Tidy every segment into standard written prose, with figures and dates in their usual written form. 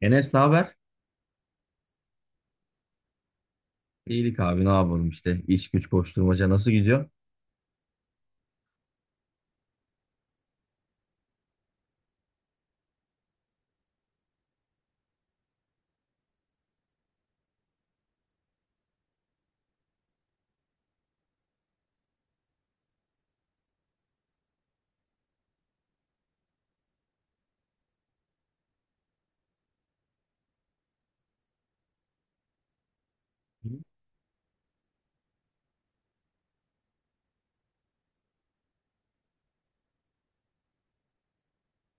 Enes, ne haber? İyilik abi, ne yapalım işte. İş güç koşturmaca nasıl gidiyor?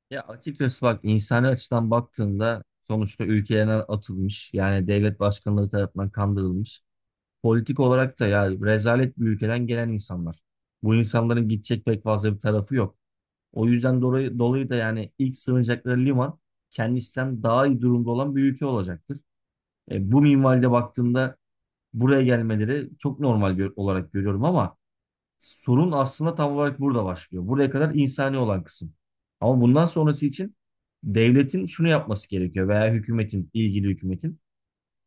Ya açıkçası bak, insani açıdan baktığında sonuçta ülkelerine atılmış, yani devlet başkanları tarafından kandırılmış. Politik olarak da ya rezalet bir ülkeden gelen insanlar. Bu insanların gidecek pek fazla bir tarafı yok. O yüzden dolayı da yani ilk sığınacakları liman kendisinden daha iyi durumda olan bir ülke olacaktır. Bu minvalde baktığımda buraya gelmeleri çok normal olarak görüyorum ama sorun aslında tam olarak burada başlıyor. Buraya kadar insani olan kısım. Ama bundan sonrası için devletin şunu yapması gerekiyor, veya hükümetin, ilgili hükümetin.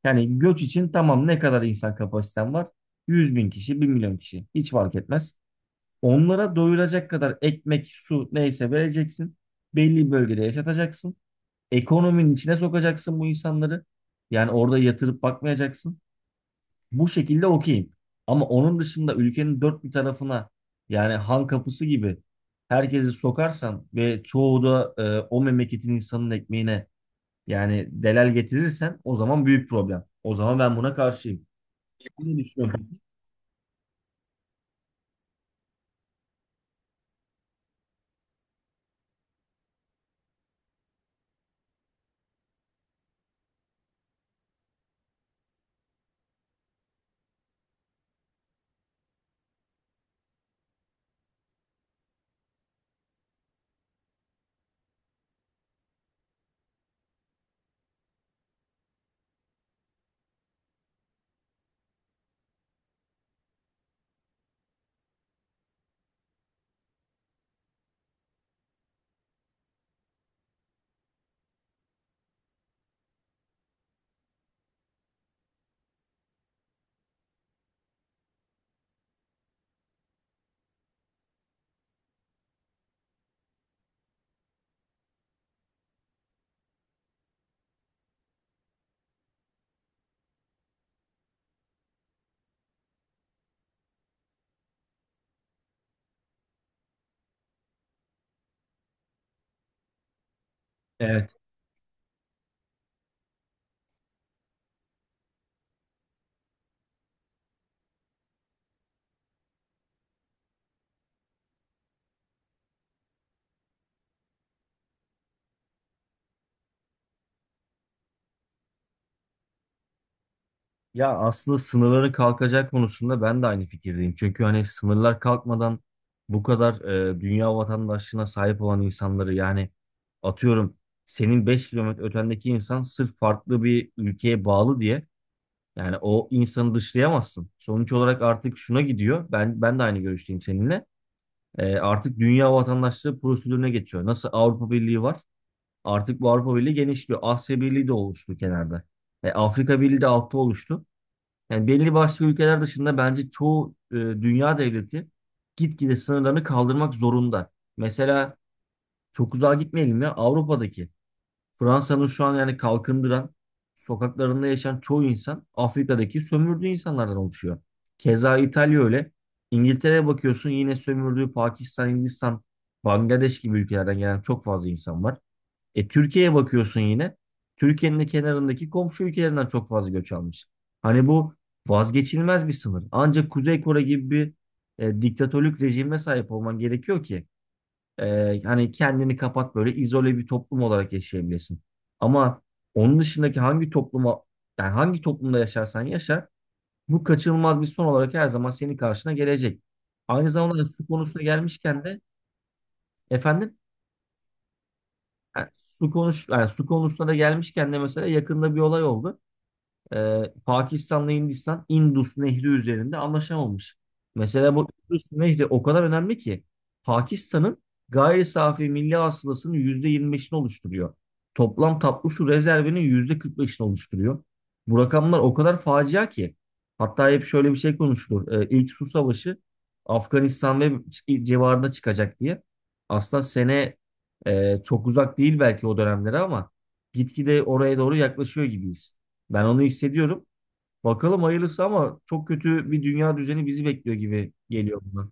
Yani göç için tamam, ne kadar insan kapasiten var? 100.000 kişi, 1 milyon kişi. Hiç fark etmez. Onlara doyulacak kadar ekmek, su, neyse vereceksin. Belli bir bölgede yaşatacaksın. Ekonominin içine sokacaksın bu insanları. Yani orada yatırıp bakmayacaksın bu şekilde, okeyim. Ama onun dışında ülkenin dört bir tarafına, yani han kapısı gibi herkesi sokarsan ve çoğu da o memleketin insanın ekmeğine yani delal getirirsen, o zaman büyük problem. O zaman ben buna karşıyım. Sen ne düşünüyorsun? Evet. Ya aslında sınırların kalkacak konusunda ben de aynı fikirdeyim. Çünkü hani sınırlar kalkmadan bu kadar dünya vatandaşlığına sahip olan insanları, yani atıyorum, senin 5 kilometre ötendeki insan sırf farklı bir ülkeye bağlı diye yani o insanı dışlayamazsın. Sonuç olarak artık şuna gidiyor. Ben de aynı görüşteyim seninle. Artık dünya vatandaşlığı prosedürüne geçiyor. Nasıl Avrupa Birliği var? Artık bu Avrupa Birliği genişliyor. Asya Birliği de oluştu kenarda. Afrika Birliği de altta oluştu. Yani belli başlı ülkeler dışında bence çoğu dünya devleti gitgide sınırlarını kaldırmak zorunda. Mesela çok uzağa gitmeyelim, ya Avrupa'daki Fransa'nın şu an yani kalkındıran sokaklarında yaşayan çoğu insan Afrika'daki sömürdüğü insanlardan oluşuyor. Keza İtalya öyle. İngiltere'ye bakıyorsun yine sömürdüğü Pakistan, Hindistan, Bangladeş gibi ülkelerden gelen çok fazla insan var. E, Türkiye'ye bakıyorsun yine. Türkiye'nin de kenarındaki komşu ülkelerinden çok fazla göç almış. Hani bu vazgeçilmez bir sınır. Ancak Kuzey Kore gibi bir diktatörlük rejime sahip olman gerekiyor ki hani kendini kapat, böyle izole bir toplum olarak yaşayabilirsin. Ama onun dışındaki hangi topluma, yani hangi toplumda yaşarsan yaşa, bu kaçınılmaz bir son olarak her zaman senin karşına gelecek. Aynı zamanda su konusuna gelmişken de efendim. Yani su konuş yani su konusuna da gelmişken de mesela yakında bir olay oldu. Pakistan'la Hindistan Indus Nehri üzerinde anlaşamamış. Mesela bu Indus Nehri o kadar önemli ki Pakistan'ın gayri safi milli hasılasının %25'ini oluşturuyor. Toplam tatlı su rezervinin %45'ini oluşturuyor. Bu rakamlar o kadar facia ki, hatta hep şöyle bir şey konuşulur. İlk su savaşı Afganistan ve civarında çıkacak diye. Aslında sene Çok uzak değil belki o dönemlere ama gitgide oraya doğru yaklaşıyor gibiyiz. Ben onu hissediyorum. Bakalım hayırlısı, ama çok kötü bir dünya düzeni bizi bekliyor gibi geliyor buna.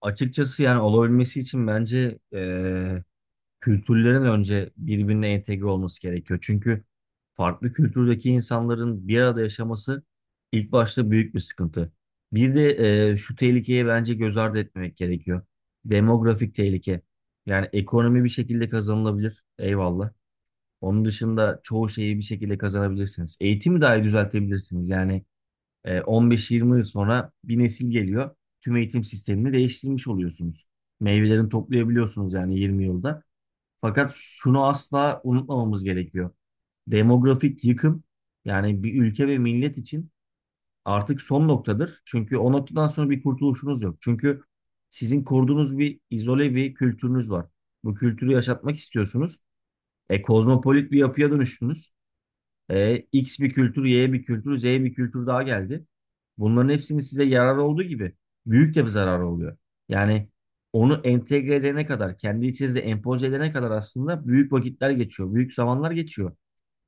Açıkçası yani olabilmesi için bence kültürlerin önce birbirine entegre olması gerekiyor. Çünkü farklı kültürdeki insanların bir arada yaşaması ilk başta büyük bir sıkıntı. Bir de şu tehlikeye bence göz ardı etmemek gerekiyor. Demografik tehlike. Yani ekonomi bir şekilde kazanılabilir. Eyvallah. Onun dışında çoğu şeyi bir şekilde kazanabilirsiniz. Eğitimi dahi düzeltebilirsiniz. Yani 15-20 yıl sonra bir nesil geliyor. Tüm eğitim sistemini değiştirmiş oluyorsunuz. Meyvelerini toplayabiliyorsunuz yani 20 yılda. Fakat şunu asla unutmamamız gerekiyor. Demografik yıkım, yani bir ülke ve millet için artık son noktadır. Çünkü o noktadan sonra bir kurtuluşunuz yok. Çünkü sizin kurduğunuz bir izole bir kültürünüz var. Bu kültürü yaşatmak istiyorsunuz. Kozmopolit bir yapıya dönüştünüz. X bir kültür, Y bir kültür, Z bir kültür daha geldi. Bunların hepsinin size yararı olduğu gibi büyük de bir zararı oluyor. Yani onu entegre edene kadar, kendi içinizde empoze edene kadar aslında büyük vakitler geçiyor, büyük zamanlar geçiyor.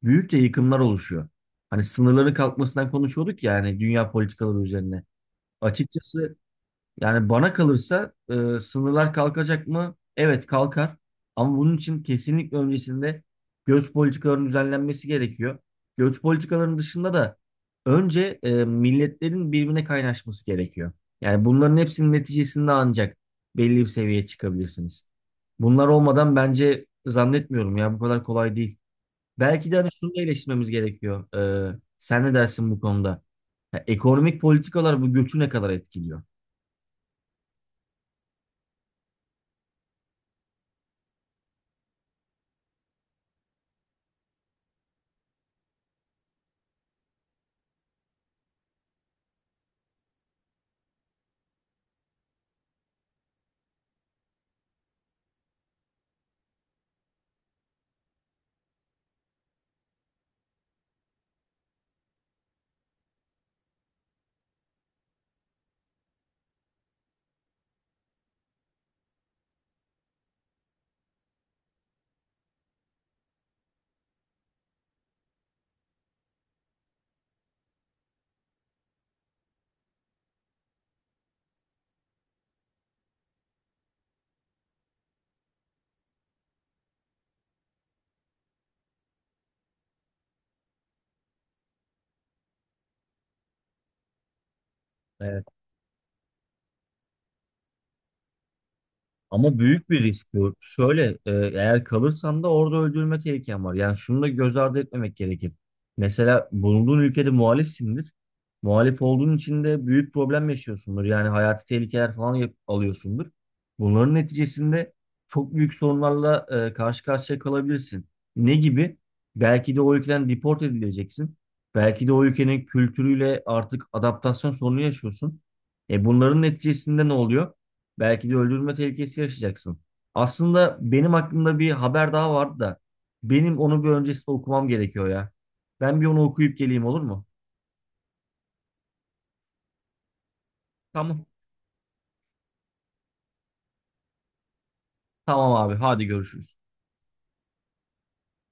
Büyük de yıkımlar oluşuyor. Hani sınırların kalkmasından konuşuyorduk ya, hani dünya politikaları üzerine. Açıkçası yani bana kalırsa sınırlar kalkacak mı? Evet, kalkar. Ama bunun için kesinlikle öncesinde göç politikalarının düzenlenmesi gerekiyor. Göç politikalarının dışında da önce milletlerin birbirine kaynaşması gerekiyor. Yani bunların hepsinin neticesinde ancak belli bir seviyeye çıkabilirsiniz. Bunlar olmadan bence zannetmiyorum, ya bu kadar kolay değil. Belki de hani şunu da eleştirmemiz gerekiyor. Sen ne dersin bu konuda? Ya ekonomik politikalar bu göçü ne kadar etkiliyor? Ama büyük bir risk bu. Şöyle, eğer kalırsan da orada öldürülme tehliken var. Yani şunu da göz ardı etmemek gerekir. Mesela bulunduğun ülkede muhalifsindir. Muhalif olduğun için de büyük problem yaşıyorsundur. Yani hayati tehlikeler falan alıyorsundur. Bunların neticesinde çok büyük sorunlarla karşı karşıya kalabilirsin. Ne gibi? Belki de o ülkeden deport edileceksin. Belki de o ülkenin kültürüyle artık adaptasyon sorunu yaşıyorsun. E, bunların neticesinde ne oluyor? Belki de öldürülme tehlikesi yaşayacaksın. Aslında benim aklımda bir haber daha vardı da benim onu bir öncesinde okumam gerekiyor ya. Ben bir onu okuyup geleyim, olur mu? Tamam. Tamam abi, hadi görüşürüz.